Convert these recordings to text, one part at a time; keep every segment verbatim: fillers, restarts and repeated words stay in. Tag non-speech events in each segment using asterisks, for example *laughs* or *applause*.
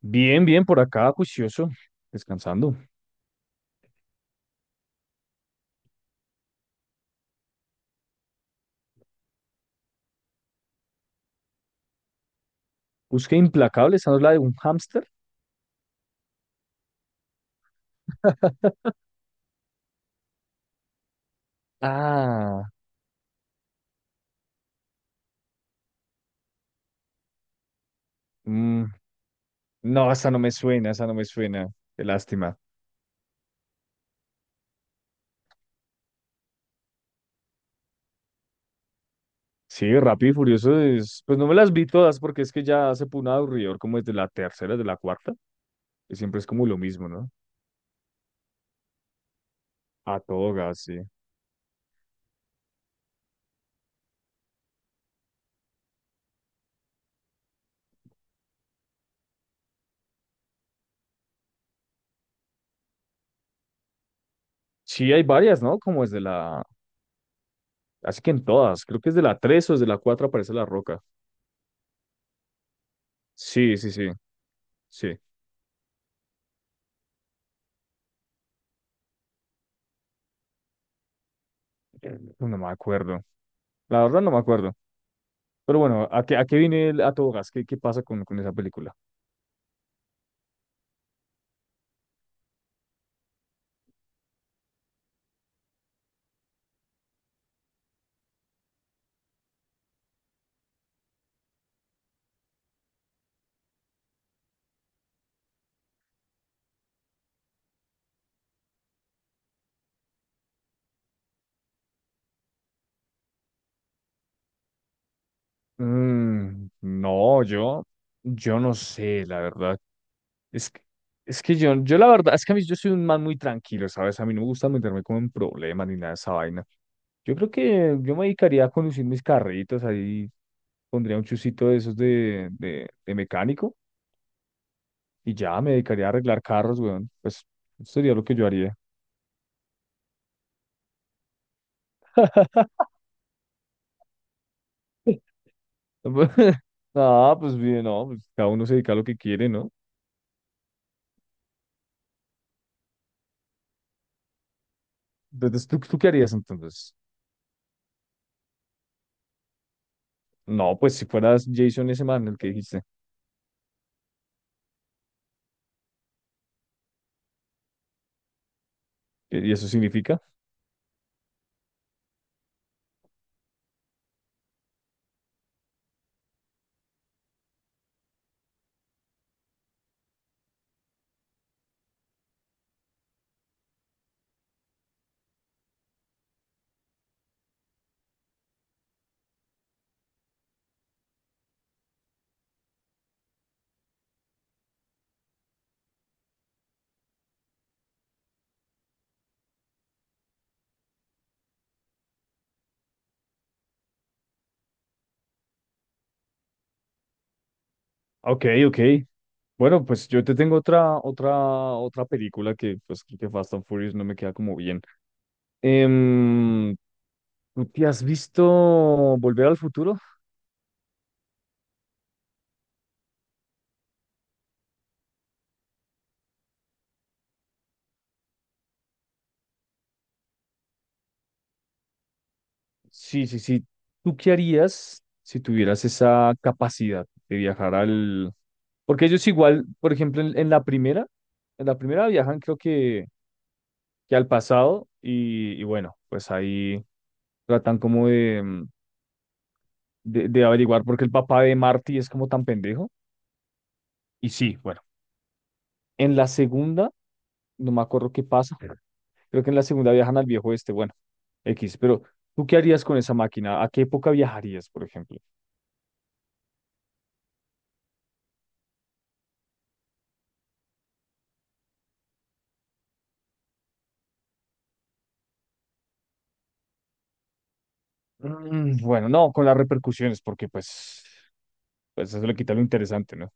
Bien, bien, por acá, juicioso, descansando. Busqué Implacable, ¿esa no es la de un hámster? Ah, mm, no, esa no me suena, esa no me suena. Qué lástima. Sí, Rápido y Furioso es, pues no me las vi todas porque es que ya se pone aburridor como desde la tercera, desde la cuarta, que siempre es como lo mismo, ¿no? A todo gas, sí. Sí, hay varias, ¿no? Como desde la, así que en todas, creo que es de la tres o desde la cuatro aparece La Roca. Sí, sí, sí, sí. No me acuerdo. La verdad no me acuerdo. Pero bueno, ¿a qué, a qué viene el A Todo Gas? ¿Qué, qué pasa con, con esa película? Mm, no, yo, yo no sé, la verdad. Es que, es que yo, yo la verdad, es que a mí yo soy un man muy tranquilo, ¿sabes? A mí no me gusta meterme como en problemas ni nada de esa vaina. Yo creo que yo me dedicaría a conducir mis carritos, ahí pondría un chusito de esos de, de, de mecánico y ya me dedicaría a arreglar carros, weón. Pues eso sería lo que yo haría. *laughs* *laughs* Ah, pues bien, no, pues cada uno se dedica a lo que quiere, ¿no? Entonces, ¿tú, tú qué harías entonces? No, pues si fueras Jason ese man, el que dijiste. ¿qué- Y eso significa? Ok, ok. Bueno, pues yo te tengo otra, otra, otra película que, pues, creo que Fast and Furious no me queda como bien. Em, ¿Tú te has visto Volver al Futuro? Sí, sí, sí. ¿Tú qué harías si tuvieras esa capacidad de viajar al... Porque ellos igual, por ejemplo, en, en la primera, en la primera viajan creo que, que al pasado y, y bueno, pues ahí tratan como de, mm, de, de averiguar por qué el papá de Marty es como tan pendejo. Y sí, bueno, en la segunda, no me acuerdo qué pasa, creo que en la segunda viajan al viejo este, bueno, X, pero ¿tú qué harías con esa máquina? ¿A qué época viajarías, por ejemplo? Mm, bueno, no, con las repercusiones, porque pues, pues eso le quita lo interesante, ¿no?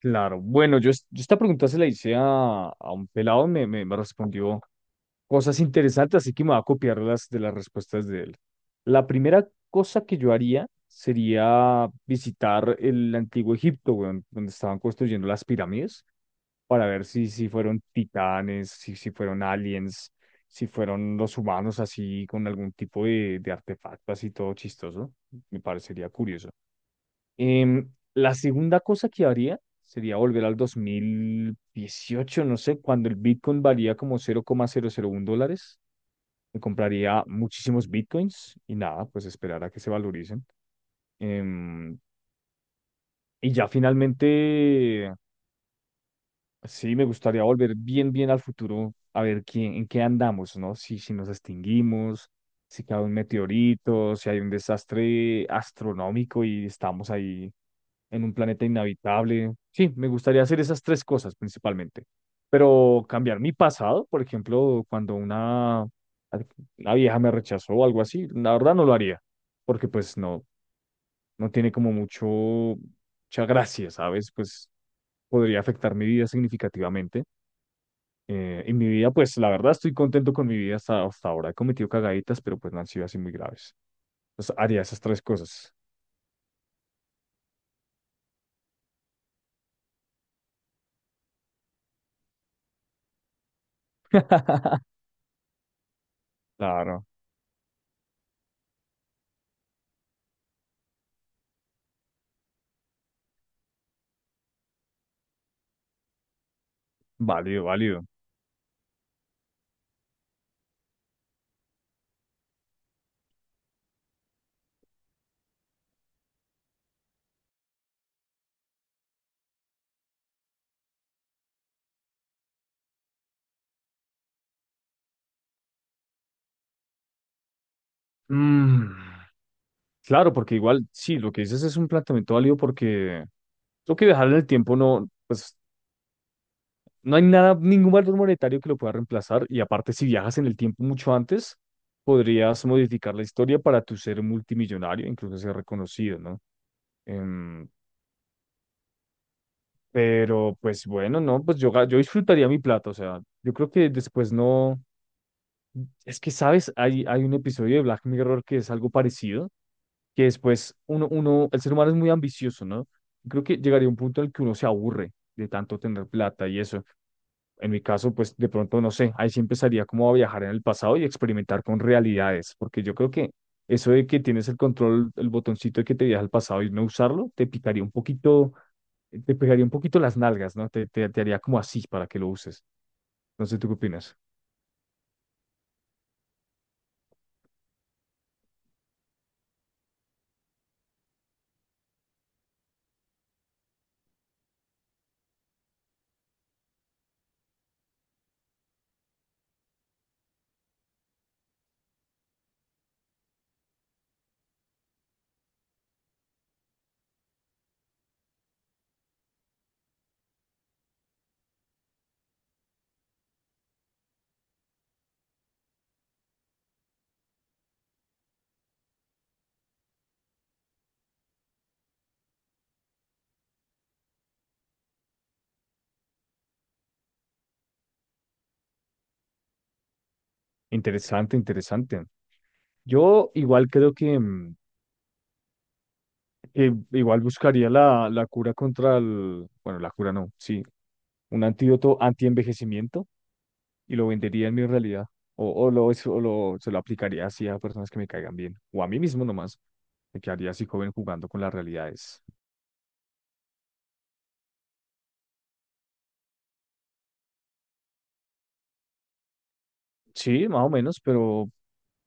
Claro, bueno, yo, es- yo esta pregunta se la hice a, a un pelado, me, me, me respondió cosas interesantes, así que me voy a copiar las de las respuestas de él. La primera cosa que yo haría sería visitar el antiguo Egipto, weón, donde estaban construyendo las pirámides. Para ver si, si fueron titanes, si, si fueron aliens, si fueron los humanos así con algún tipo de, de artefacto así todo chistoso. Me parecería curioso. Em, la segunda cosa que haría sería volver al dos mil dieciocho, no sé, cuando el Bitcoin valía como cero coma cero cero uno dólares. Me compraría muchísimos Bitcoins y nada, pues esperar a que se valoricen. Em, y ya finalmente sí, me gustaría volver bien, bien al futuro, a ver quién, en qué andamos, ¿no? Si, si nos extinguimos, si cae un meteorito, si hay un desastre astronómico y estamos ahí en un planeta inhabitable. Sí, me gustaría hacer esas tres cosas principalmente. Pero cambiar mi pasado, por ejemplo, cuando una, una vieja me rechazó o algo así, la verdad no lo haría, porque pues no, no tiene como mucho, mucha gracia, ¿sabes? Pues podría afectar mi vida significativamente. Eh, y mi vida, pues la verdad estoy contento con mi vida hasta, hasta ahora. He cometido cagaditas, pero pues no han sido así muy graves. Entonces haría esas tres cosas. *laughs* Claro, válido, válido. Mm, Claro, porque igual, sí, lo que dices es un planteamiento válido porque lo que viajar en el tiempo no, pues no hay nada, ningún valor monetario que lo pueda reemplazar. Y aparte, si viajas en el tiempo mucho antes, podrías modificar la historia para tu ser multimillonario, incluso ser reconocido, ¿no? Em, pero pues bueno, no, pues yo, ga- yo disfrutaría mi plata, o sea, yo creo que después no, es que sabes, hay, hay un episodio de Black Mirror que es algo parecido, que después uno, uno, el ser humano es muy ambicioso, ¿no? Creo que llegaría un punto en el que uno se aburre de tanto tener plata y eso. En mi caso, pues de pronto, no sé, ahí sí empezaría como a viajar en el pasado y experimentar con realidades, porque yo creo que eso de que tienes el control, el botoncito de que te viaja al pasado y no usarlo, te picaría un poquito, te pegaría un poquito las nalgas, ¿no? Te, te, te haría como así para que lo uses. Entonces, ¿tú qué opinas? Interesante, interesante. Yo igual creo que, mm, que igual buscaría la, la cura contra el, bueno, la cura no, sí, un antídoto anti y lo vendería en mi realidad. O, o, lo, o lo, se lo aplicaría así a personas que me caigan bien. O a mí mismo nomás. Me quedaría así joven jugando con las realidades. Sí, más o menos, pero,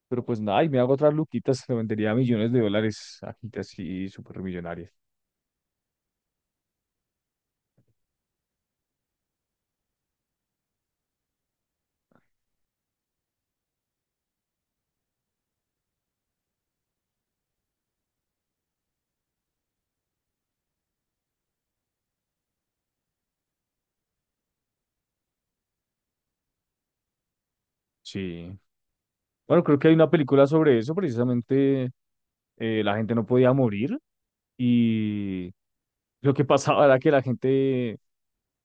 pero pues nada, y me hago otras luquitas, lo vendería a millones de dólares a gente así súper millonaria. Sí, bueno, creo que hay una película sobre eso, precisamente eh, la gente no podía morir y lo que *laughs* pasaba era que la gente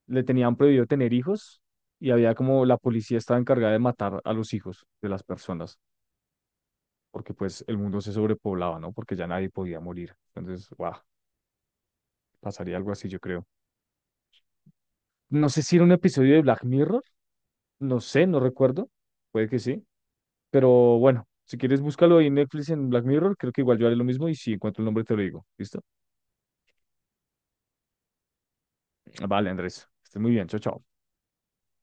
le tenían prohibido tener hijos y había como la policía estaba encargada de matar a los hijos de las personas, porque pues el mundo se sobrepoblaba, ¿no? Porque ya nadie podía morir. Entonces, wow, pasaría algo así, yo creo. No sé si era un episodio de Black Mirror, no sé, no recuerdo, puede que sí, pero bueno, si quieres búscalo ahí en Netflix en Black Mirror, creo que igual yo haré lo mismo y si encuentro el nombre te lo digo, ¿listo? Vale, Andrés, estés muy bien, chao, chao.